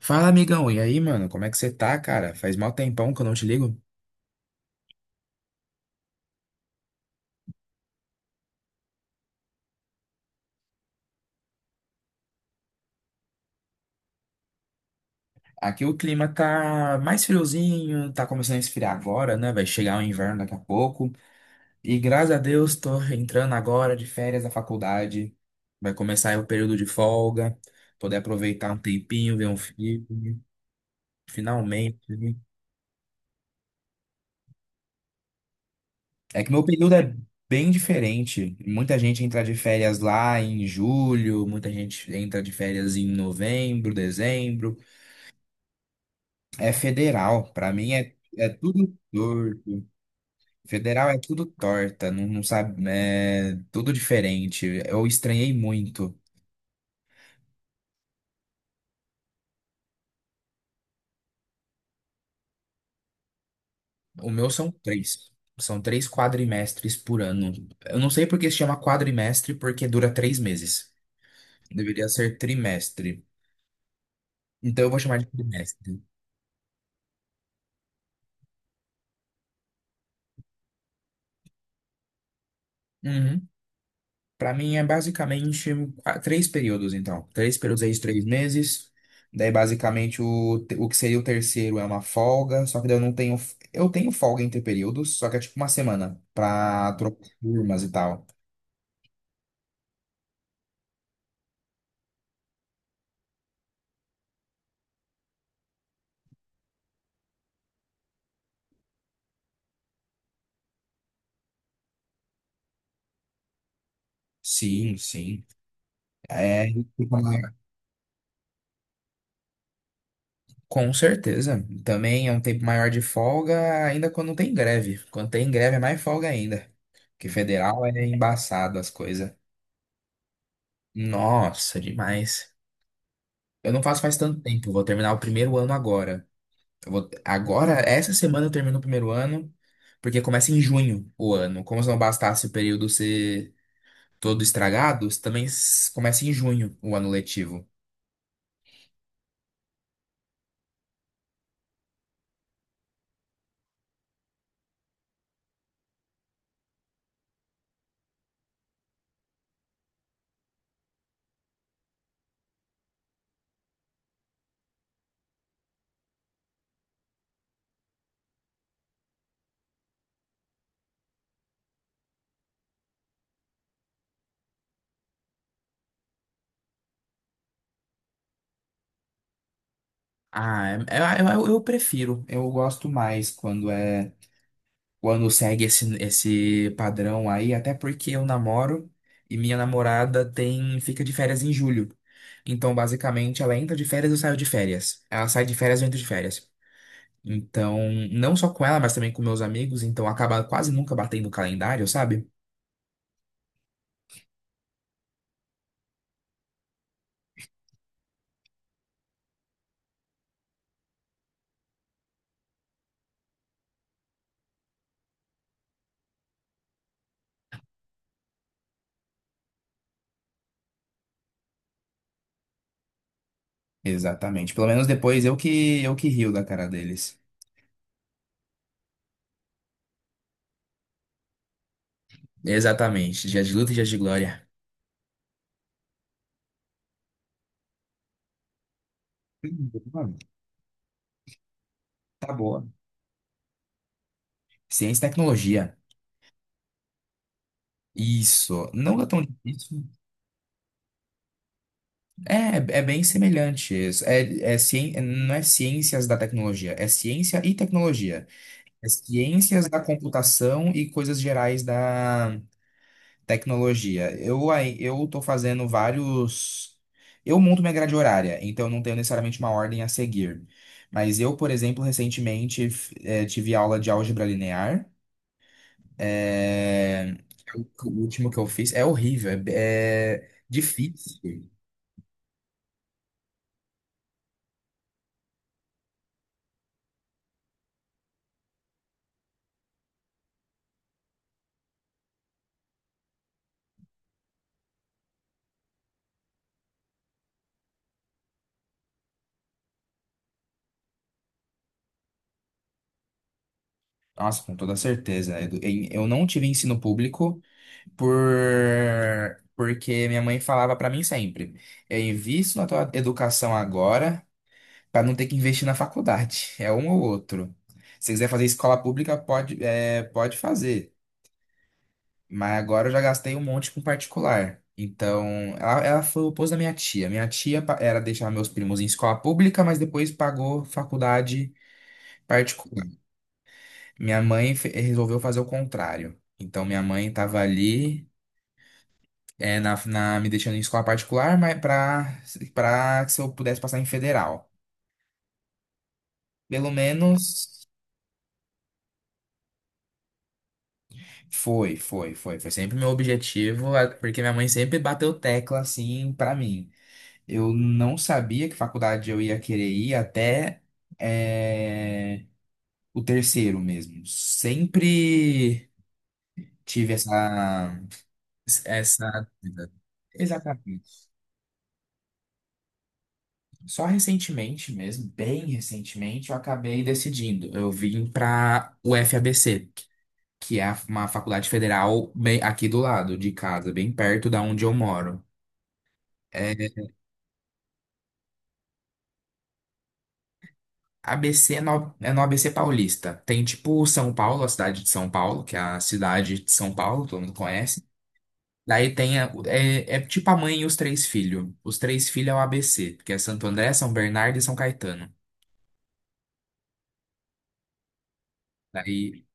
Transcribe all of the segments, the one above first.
Fala, amigão. E aí, mano? Como é que você tá, cara? Faz mal tempão que eu não te ligo. Aqui o clima tá mais friozinho, tá começando a esfriar agora, né? Vai chegar o inverno daqui a pouco. E graças a Deus tô entrando agora de férias da faculdade. Vai começar aí o período de folga, poder aproveitar um tempinho, ver um filme, finalmente. Né? É que meu período é bem diferente. Muita gente entra de férias lá em julho, muita gente entra de férias em novembro, dezembro. É federal, pra mim é, tudo torto. Federal é tudo torta, não sabe, é tudo diferente. Eu estranhei muito. O meu são três. São três quadrimestres por ano. Eu não sei por que se chama quadrimestre, porque dura três meses. Deveria ser trimestre. Então eu vou chamar de trimestre. Uhum. Para mim é basicamente três períodos, então. Três períodos aí de três meses. Daí, basicamente, o que seria o terceiro é uma folga. Só que daí eu não tenho. Eu tenho folga entre períodos, só que é tipo uma semana pra trocar turmas e tal. Sim, sim. É, com certeza. Também é um tempo maior de folga, ainda quando não tem greve. Quando tem greve é mais folga ainda. Porque federal é embaçado as coisas. Nossa, demais. Eu não faço faz tanto tempo. Vou terminar o primeiro ano agora. Eu vou... Agora, essa semana eu termino o primeiro ano, porque começa em junho o ano. Como se não bastasse o período ser todo estragado, também começa em junho o ano letivo. Ah, é- é, eu prefiro. Eu gosto mais quando segue esse, padrão aí, até porque eu namoro e minha namorada tem fica de férias em julho. Então, basicamente, ela entra de férias e eu saio de férias. Ela sai de férias e eu entro de férias. Então, não só com ela, mas também com meus amigos, então acaba quase nunca batendo o calendário, sabe? Exatamente. Pelo menos depois eu que rio da cara deles. Exatamente. Dias de luta e dias de glória. Mano, tá boa. Ciência e tecnologia. Isso. Não é tão difícil. É, é bem semelhante. Isso. Não é ciências da tecnologia, é ciência e tecnologia. É ciências da computação e coisas gerais da tecnologia. Eu tô fazendo vários. Eu monto minha grade horária, então eu não tenho necessariamente uma ordem a seguir. Mas eu, por exemplo, recentemente tive aula de álgebra linear. É, o último que eu fiz é horrível, é difícil. Nossa, com toda certeza. Eu não tive ensino público porque minha mãe falava pra mim sempre: eu invisto na tua educação agora. Pra não ter que investir na faculdade. É um ou outro. Se quiser fazer escola pública, pode, pode fazer. Mas agora eu já gastei um monte com particular. Então, ela foi o oposto da minha tia. Minha tia era deixar meus primos em escola pública, mas depois pagou faculdade particular. Minha mãe resolveu fazer o contrário. Então, minha mãe estava ali, me deixando em escola particular, mas para que se eu pudesse passar em federal. Pelo menos. Foi, foi, foi. Foi sempre meu objetivo, porque minha mãe sempre bateu tecla assim pra mim. Eu não sabia que faculdade eu ia querer ir até eh, o terceiro mesmo. Sempre tive essa dúvida. Exatamente. Só recentemente mesmo, bem recentemente, eu acabei decidindo. Eu vim para o FABC, que é uma faculdade federal bem aqui do lado de casa, bem perto da onde eu moro. É, ABC é é no ABC Paulista. Tem tipo São Paulo, a cidade de São Paulo, que é a cidade de São Paulo, todo mundo conhece. Daí tem é tipo a mãe e os três filhos. Os três filhos é o ABC, que é Santo André, São Bernardo e São Caetano. Daí,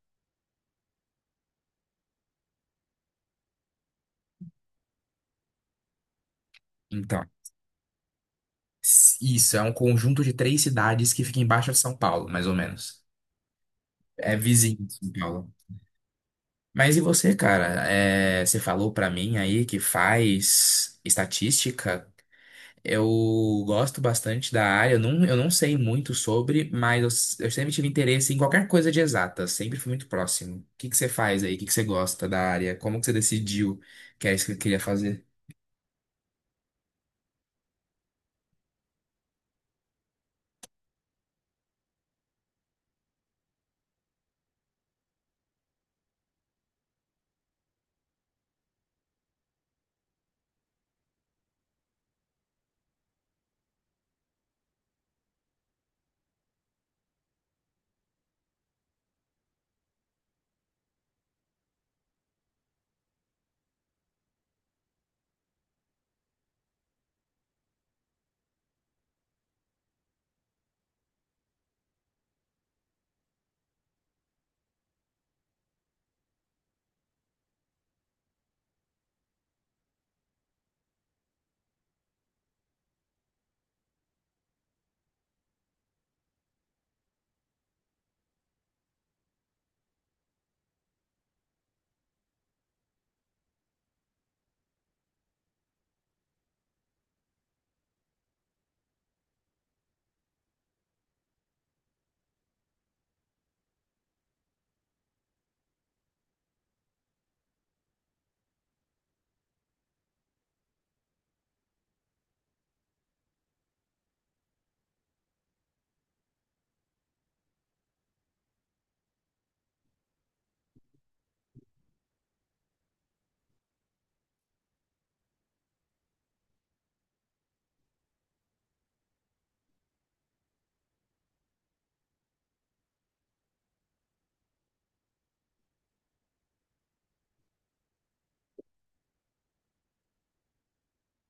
então, isso é um conjunto de três cidades que fica embaixo de São Paulo, mais ou menos. É vizinho de São Paulo. Mas e você, cara? É, você falou pra mim aí que faz estatística. Eu gosto bastante da área, eu não sei muito sobre, mas eu sempre tive interesse em qualquer coisa de exata, sempre fui muito próximo. O que que você faz aí? O que que você gosta da área? Como que você decidiu que era isso que eu queria fazer?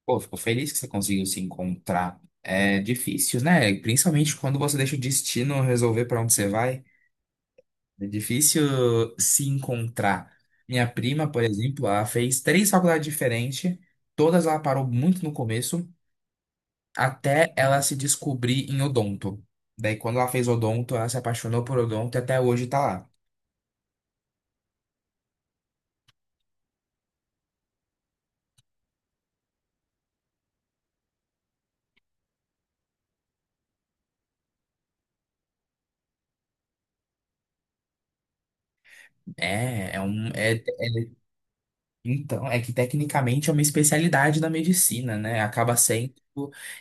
Pô, fico feliz que você conseguiu se encontrar. É difícil, né? Principalmente quando você deixa o destino resolver para onde você vai. É difícil se encontrar. Minha prima, por exemplo, ela fez três faculdades diferentes, todas ela parou muito no começo. Até ela se descobrir em odonto. Daí, quando ela fez odonto, ela se apaixonou por odonto e até hoje tá lá. É, é um. É, é- então, é que tecnicamente é uma especialidade da medicina, né? Acaba sendo.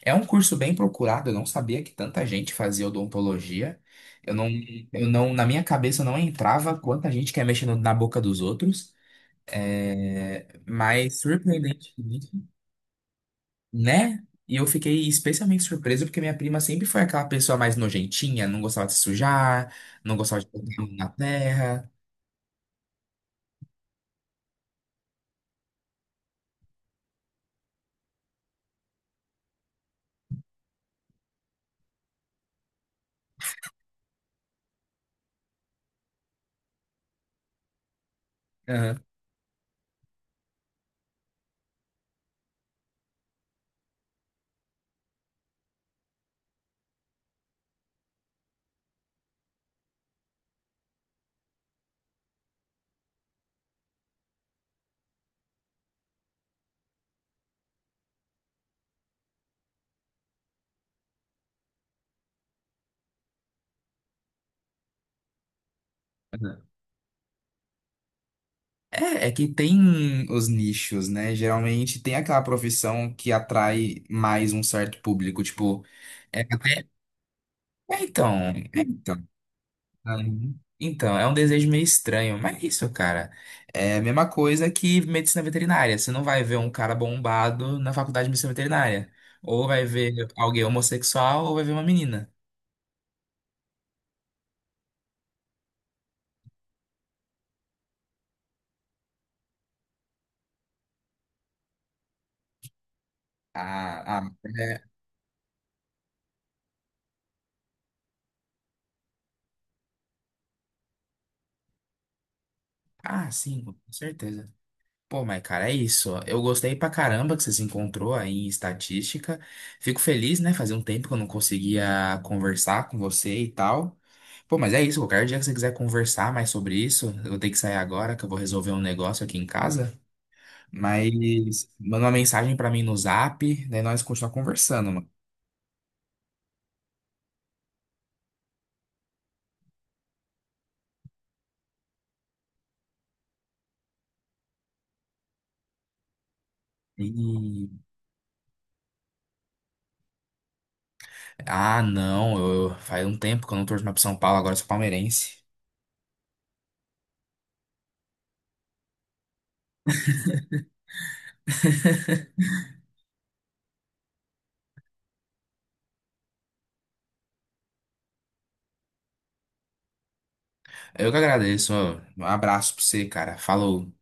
É um curso bem procurado, eu não sabia que tanta gente fazia odontologia. Eu não, eu não, na minha cabeça não entrava quanta gente quer mexer na boca dos outros. É, mas surpreendente. Né? E eu fiquei especialmente surpreso porque minha prima sempre foi aquela pessoa mais nojentinha, não gostava de se sujar, não gostava de colocar a mão na terra. Aham, aham. É, é que tem os nichos, né? Geralmente tem aquela profissão que atrai mais um certo público, tipo, é até, é então. Uhum. Então, é um desejo meio estranho, mas é isso, cara. É a mesma coisa que medicina veterinária. Você não vai ver um cara bombado na faculdade de medicina veterinária. Ou vai ver alguém homossexual, ou vai ver uma menina. Ah, ah, é- ah, sim, com certeza. Pô, mas cara, é isso. Eu gostei pra caramba que você se encontrou aí em estatística. Fico feliz, né? Fazia um tempo que eu não conseguia conversar com você e tal. Pô, mas é isso. Qualquer dia que você quiser conversar mais sobre isso, eu tenho que sair agora, que eu vou resolver um negócio aqui em casa. Mas manda uma mensagem pra mim no Zap, daí nós continuar conversando, mano. E... ah, não, eu... faz um tempo que eu não torço mais pro São Paulo, agora eu sou palmeirense. Eu que agradeço. Ó. Um abraço pra você, cara. Falou.